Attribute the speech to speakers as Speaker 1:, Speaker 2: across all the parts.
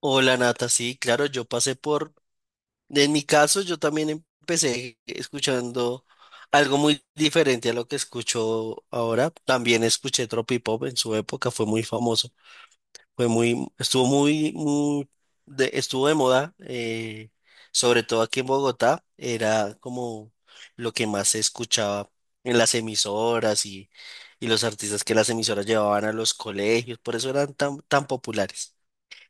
Speaker 1: Hola Nata, sí, claro, yo pasé por, en mi caso yo también empecé escuchando algo muy diferente a lo que escucho ahora. También escuché Tropipop en su época, fue muy famoso, fue muy, estuvo muy, muy de, estuvo de moda, sobre todo aquí en Bogotá, era como lo que más se escuchaba en las emisoras y los artistas que las emisoras llevaban a los colegios, por eso eran tan, tan populares.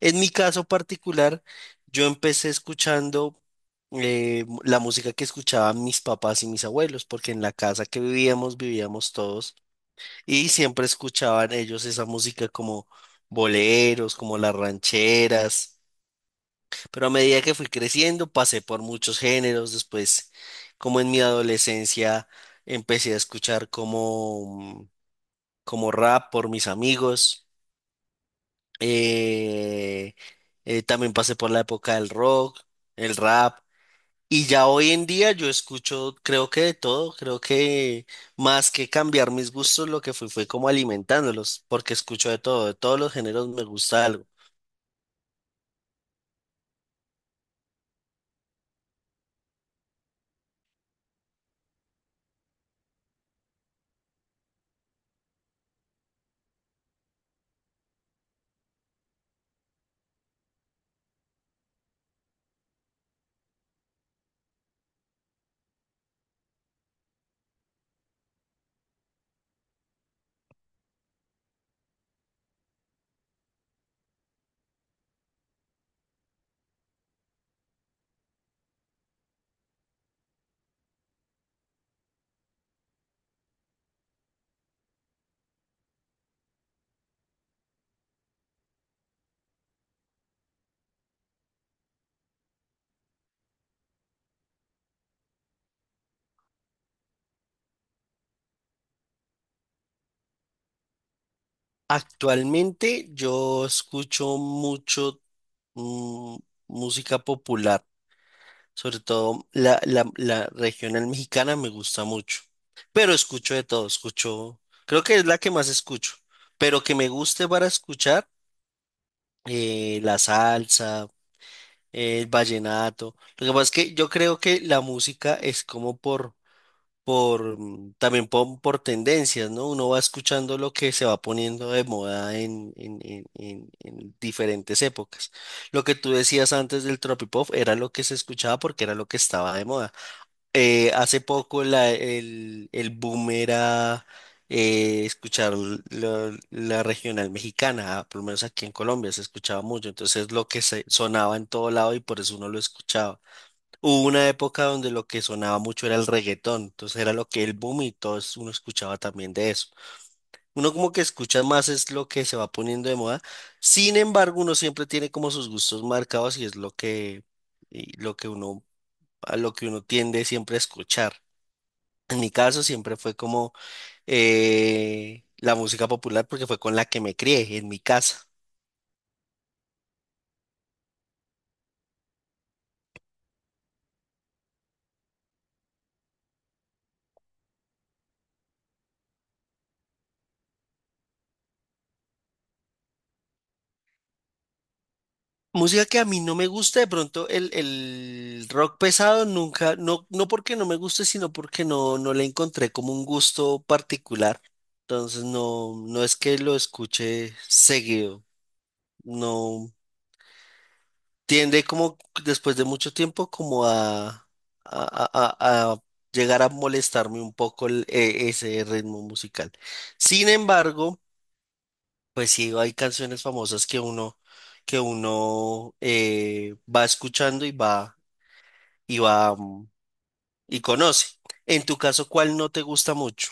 Speaker 1: En mi caso particular, yo empecé escuchando la música que escuchaban mis papás y mis abuelos, porque en la casa que vivíamos, vivíamos todos, y siempre escuchaban ellos esa música como boleros, como las rancheras. Pero a medida que fui creciendo, pasé por muchos géneros. Después, como en mi adolescencia, empecé a escuchar como, como rap por mis amigos. eh, también pasé por la época del rock, el rap. Y ya hoy en día yo escucho, creo que de todo, creo que más que cambiar mis gustos, lo que fui fue como alimentándolos, porque escucho de todo, de todos los géneros me gusta algo. Actualmente yo escucho mucho mm, música popular. Sobre todo la regional mexicana me gusta mucho. Pero escucho de todo, escucho, creo que es la que más escucho. Pero que me guste para escuchar, la salsa, el vallenato. Lo que pasa es que yo creo que la música es como por, también por tendencias, ¿no? Uno va escuchando lo que se va poniendo de moda en diferentes épocas. Lo que tú decías antes del tropipop era lo que se escuchaba porque era lo que estaba de moda. Hace poco el boom era escuchar la regional mexicana, por lo menos aquí en Colombia se escuchaba mucho, entonces lo que se sonaba en todo lado y por eso uno lo escuchaba. Hubo una época donde lo que sonaba mucho era el reggaetón, entonces era lo que el boom y todos uno escuchaba también de eso. Uno como que escucha más es lo que se va poniendo de moda, sin embargo uno siempre tiene como sus gustos marcados y es lo que, y lo que uno, a lo que uno tiende siempre a escuchar. En mi caso siempre fue como la música popular porque fue con la que me crié en mi casa. Música que a mí no me gusta, de pronto el rock pesado nunca, no, no porque no me guste, sino porque no, no le encontré como un gusto particular. Entonces no, no es que lo escuche seguido, no tiende como después de mucho tiempo como a- a llegar a molestarme un poco ese ritmo musical. Sin embargo, pues sí, hay canciones famosas que uno va escuchando y va, y va, mm, y conoce. En tu caso, ¿cuál no te gusta mucho?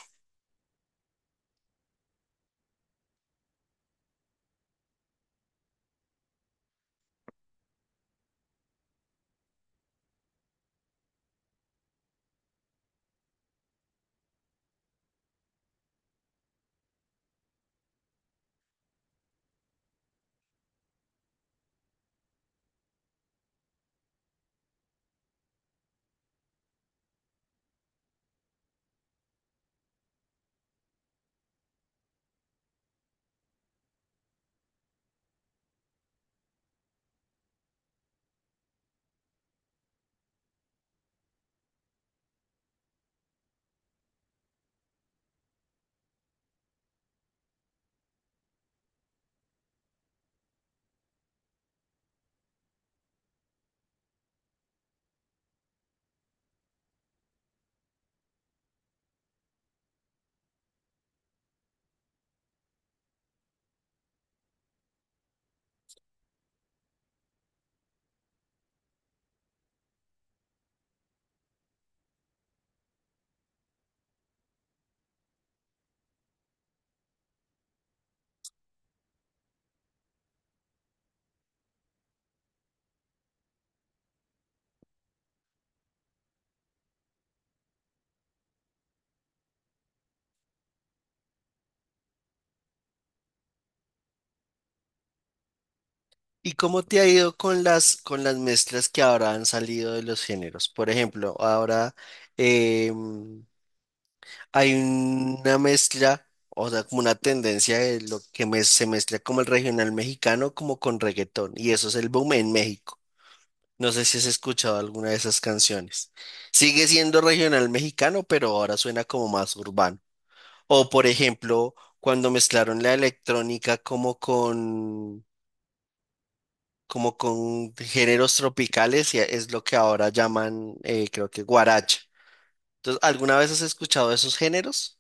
Speaker 1: ¿Y cómo te ha ido con las mezclas que ahora han salido de los géneros? Por ejemplo, ahora eh, mm, hay una mezcla, o sea, como una tendencia de lo que se mezcla como el regional mexicano, como con reggaetón, y eso es el boom en México. No sé si has escuchado alguna de esas canciones. Sigue siendo regional mexicano, pero ahora suena como más urbano. O por ejemplo, cuando mezclaron la electrónica como con géneros tropicales, y es lo que ahora llaman, creo que guaracha. Entonces, ¿alguna vez has escuchado esos géneros?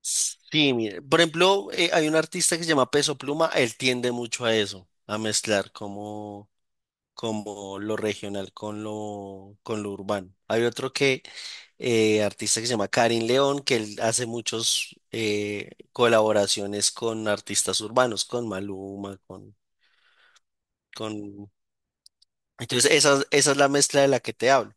Speaker 1: Sí, mire. Por ejemplo, hay un artista que se llama Peso Pluma, él tiende mucho a eso, a mezclar como como lo regional con lo urbano. Hay otro que, artista que se llama Karin León, que él hace muchos colaboraciones con artistas urbanos, con Maluma, con... Entonces, esa es la mezcla de la que te hablo.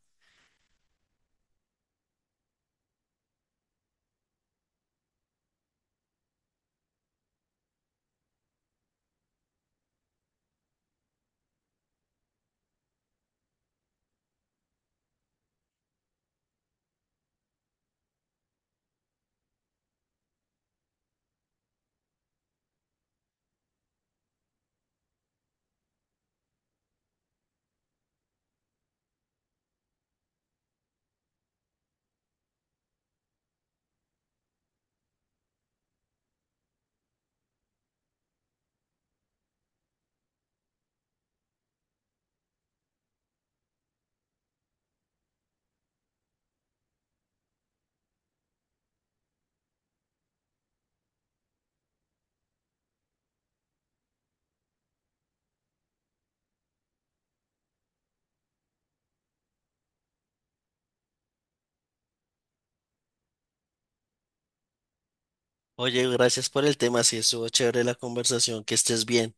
Speaker 1: Oye, gracias por el tema, sí, estuvo chévere la conversación, que estés bien.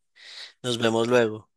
Speaker 1: Nos vemos luego.